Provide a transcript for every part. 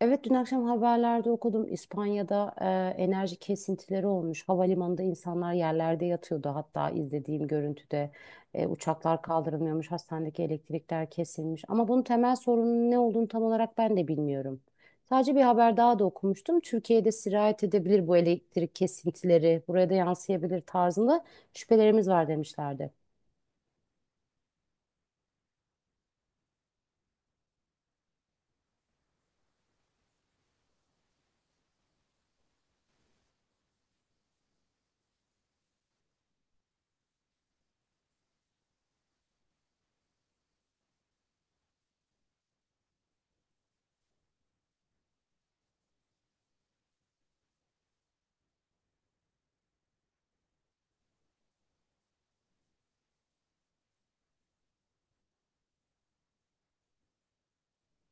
Evet dün akşam haberlerde okudum. İspanya'da enerji kesintileri olmuş. Havalimanında insanlar yerlerde yatıyordu. Hatta izlediğim görüntüde uçaklar kaldırılmıyormuş. Hastanedeki elektrikler kesilmiş. Ama bunun temel sorunun ne olduğunu tam olarak ben de bilmiyorum. Sadece bir haber daha da okumuştum. Türkiye'de sirayet edebilir bu elektrik kesintileri. Buraya da yansıyabilir tarzında şüphelerimiz var demişlerdi.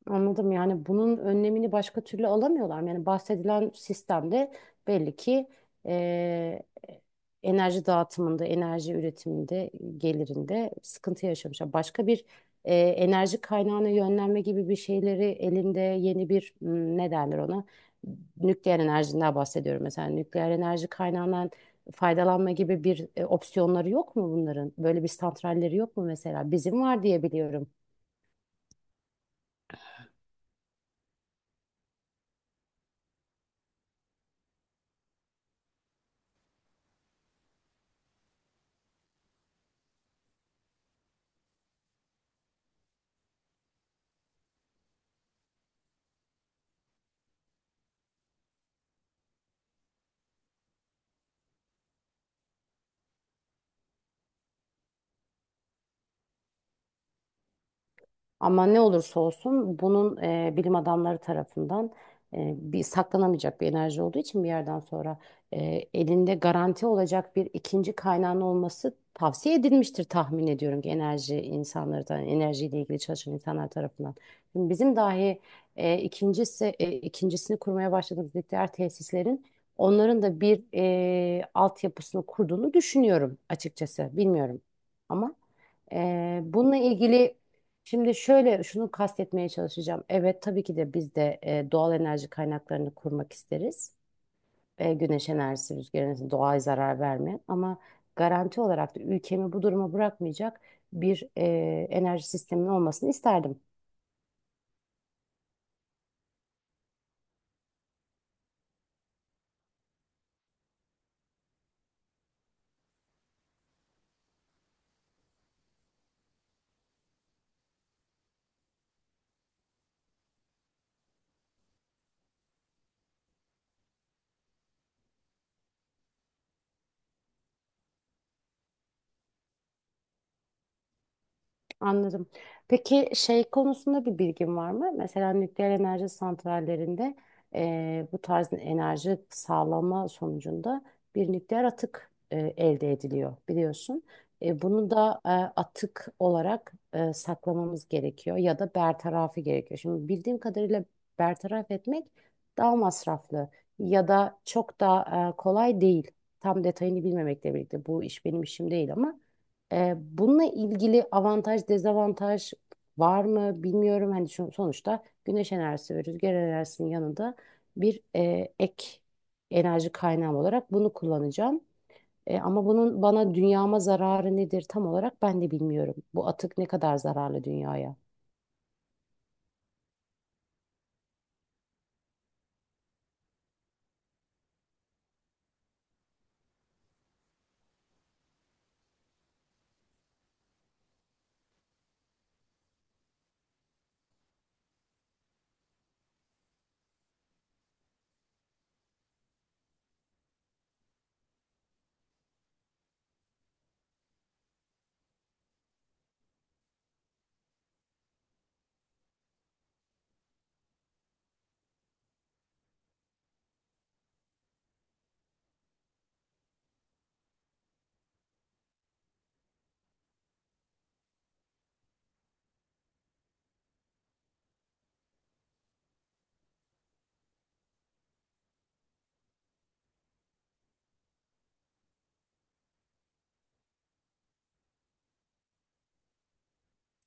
Anladım, yani bunun önlemini başka türlü alamıyorlar mı? Yani bahsedilen sistemde belli ki eee, enerji dağıtımında, enerji üretiminde, gelirinde sıkıntı yaşamışlar. Başka bir enerji kaynağına yönlenme gibi bir şeyleri elinde yeni bir ne derler ona? Nükleer enerjinden bahsediyorum mesela. Nükleer enerji kaynağından faydalanma gibi bir opsiyonları yok mu bunların? Böyle bir santralleri yok mu mesela? Bizim var diye biliyorum. Ama ne olursa olsun bunun bilim adamları tarafından bir saklanamayacak bir enerji olduğu için bir yerden sonra elinde garanti olacak bir ikinci kaynağın olması tavsiye edilmiştir, tahmin ediyorum ki enerji insanları da enerjiyle ilgili çalışan insanlar tarafından. Şimdi bizim dahi ikincisini kurmaya başladığımız nükleer tesislerin onların da bir altyapısını kurduğunu düşünüyorum açıkçası. Bilmiyorum ama bununla ilgili. Şimdi şöyle şunu kastetmeye çalışacağım. Evet, tabii ki de biz de doğal enerji kaynaklarını kurmak isteriz. Güneş enerjisi, rüzgar enerjisi doğaya zarar vermeyen ama garanti olarak da ülkemi bu duruma bırakmayacak bir enerji sisteminin olmasını isterdim. Anladım. Peki şey konusunda bir bilgin var mı? Mesela nükleer enerji santrallerinde bu tarz enerji sağlama sonucunda bir nükleer atık elde ediliyor biliyorsun. Bunu da atık olarak saklamamız gerekiyor ya da bertarafı gerekiyor. Şimdi bildiğim kadarıyla bertaraf etmek daha masraflı ya da çok da kolay değil. Tam detayını bilmemekle birlikte bu iş benim işim değil ama. Bununla ilgili avantaj, dezavantaj var mı bilmiyorum. Hani sonuçta güneş enerjisi ve rüzgar enerjisinin yanında bir ek enerji kaynağım olarak bunu kullanacağım. Ama bunun bana dünyama zararı nedir tam olarak ben de bilmiyorum. Bu atık ne kadar zararlı dünyaya?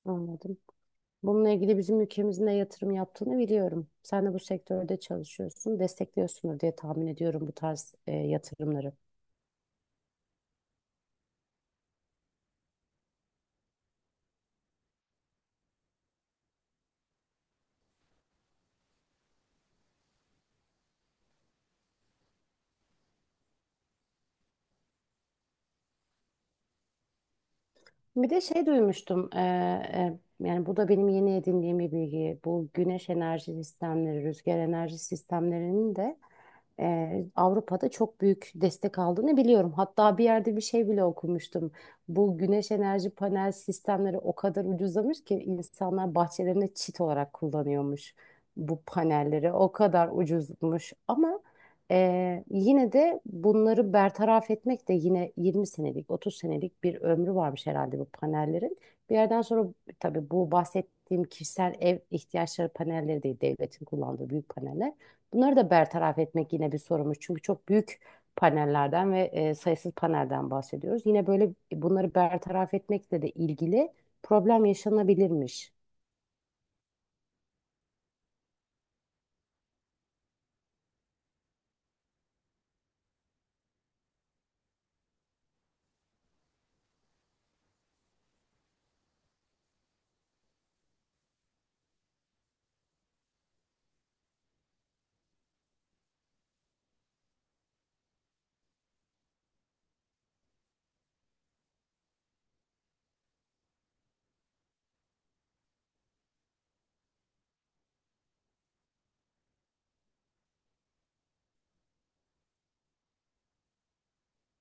Anladım. Bununla ilgili bizim ülkemizin de yatırım yaptığını biliyorum. Sen de bu sektörde çalışıyorsun, destekliyorsundur diye tahmin ediyorum bu tarz yatırımları. Bir de şey duymuştum, yani bu da benim yeni edindiğim bir bilgi. Bu güneş enerji sistemleri, rüzgar enerji sistemlerinin de Avrupa'da çok büyük destek aldığını biliyorum. Hatta bir yerde bir şey bile okumuştum. Bu güneş enerji panel sistemleri o kadar ucuzlamış ki insanlar bahçelerinde çit olarak kullanıyormuş bu panelleri. O kadar ucuzmuş ama yine de bunları bertaraf etmek de yine 20 senelik, 30 senelik bir ömrü varmış herhalde bu panellerin. Bir yerden sonra tabii bu bahsettiğim kişisel ev ihtiyaçları panelleri değil, devletin kullandığı büyük paneller. Bunları da bertaraf etmek yine bir sorumuz. Çünkü çok büyük panellerden ve sayısız panelden bahsediyoruz. Yine böyle bunları bertaraf etmekle de ilgili problem yaşanabilirmiş.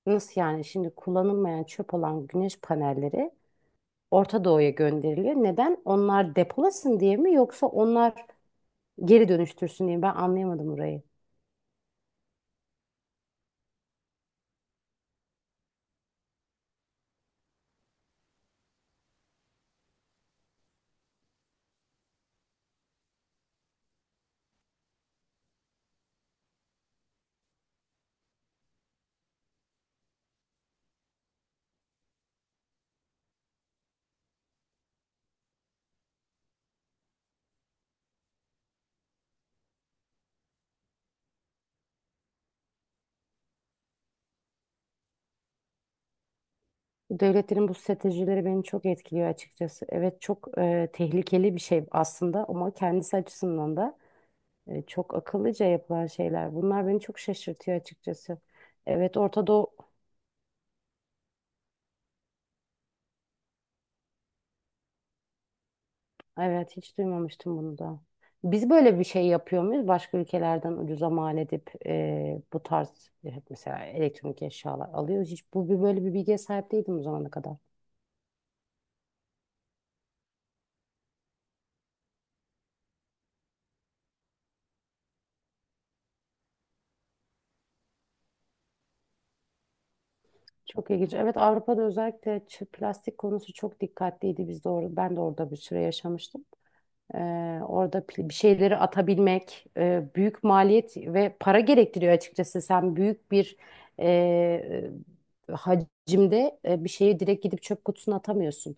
Nasıl yani? Şimdi kullanılmayan çöp olan güneş panelleri Orta Doğu'ya gönderiliyor. Neden? Onlar depolasın diye mi yoksa onlar geri dönüştürsün diye mi? Ben anlayamadım orayı. Devletlerin bu stratejileri beni çok etkiliyor açıkçası. Evet, çok tehlikeli bir şey aslında ama kendisi açısından da. Çok akıllıca yapılan şeyler. Bunlar beni çok şaşırtıyor açıkçası. Evet, Orta Doğu. Evet, hiç duymamıştım bunu da. Biz böyle bir şey yapıyor muyuz? Başka ülkelerden ucuza mal edip bu tarz mesela elektronik eşyalar alıyoruz. Hiç bu bir böyle bir bilgiye sahip değildim o zamana kadar. Çok ilginç. Evet, Avrupa'da özellikle plastik konusu çok dikkatliydi. Biz de ben de orada bir süre yaşamıştım. Orada bir şeyleri atabilmek büyük maliyet ve para gerektiriyor açıkçası. Sen büyük bir e, hacimde bir şeyi direkt gidip çöp kutusuna atamıyorsun.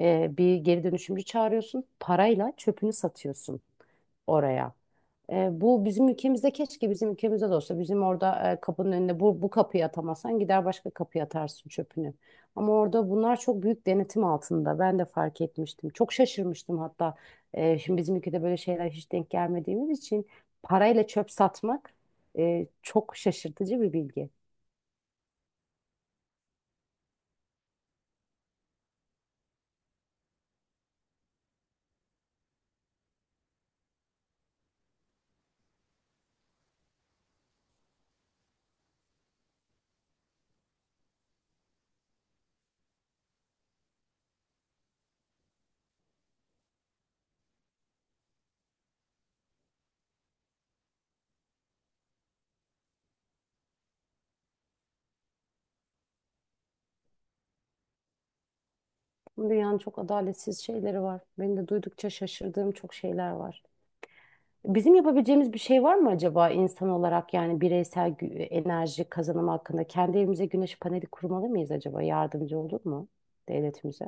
Bir geri dönüşümcü çağırıyorsun, parayla çöpünü satıyorsun oraya. Bu bizim ülkemizde keşke bizim ülkemizde de olsa bizim orada kapının önünde bu kapıyı atamasan gider başka kapıya atarsın çöpünü. Ama orada bunlar çok büyük denetim altında. Ben de fark etmiştim. Çok şaşırmıştım hatta. Şimdi bizim ülkede böyle şeyler hiç denk gelmediğimiz için parayla çöp satmak çok şaşırtıcı bir bilgi. Bu dünyanın çok adaletsiz şeyleri var. Benim de duydukça şaşırdığım çok şeyler var. Bizim yapabileceğimiz bir şey var mı acaba insan olarak, yani bireysel enerji kazanımı hakkında kendi evimize güneş paneli kurmalı mıyız acaba? Yardımcı olur mu devletimize?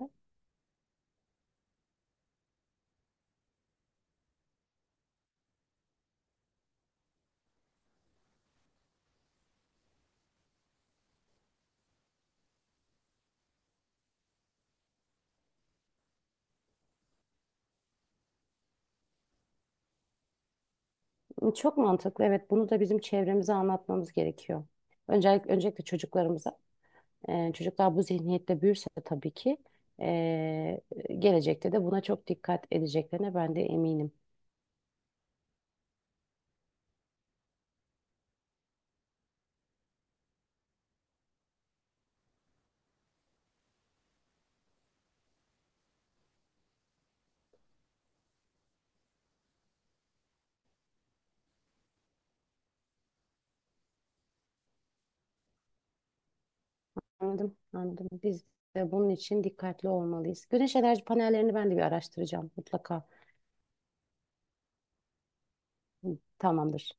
Çok mantıklı. Evet, bunu da bizim çevremize anlatmamız gerekiyor. Öncelikle, öncelikle çocuklarımıza. Çocuklar bu zihniyette büyürse tabii ki ee, gelecekte de buna çok dikkat edeceklerine ben de eminim. Anladım, anladım. Biz de bunun için dikkatli olmalıyız. Güneş enerji panellerini ben de bir araştıracağım mutlaka. Tamamdır.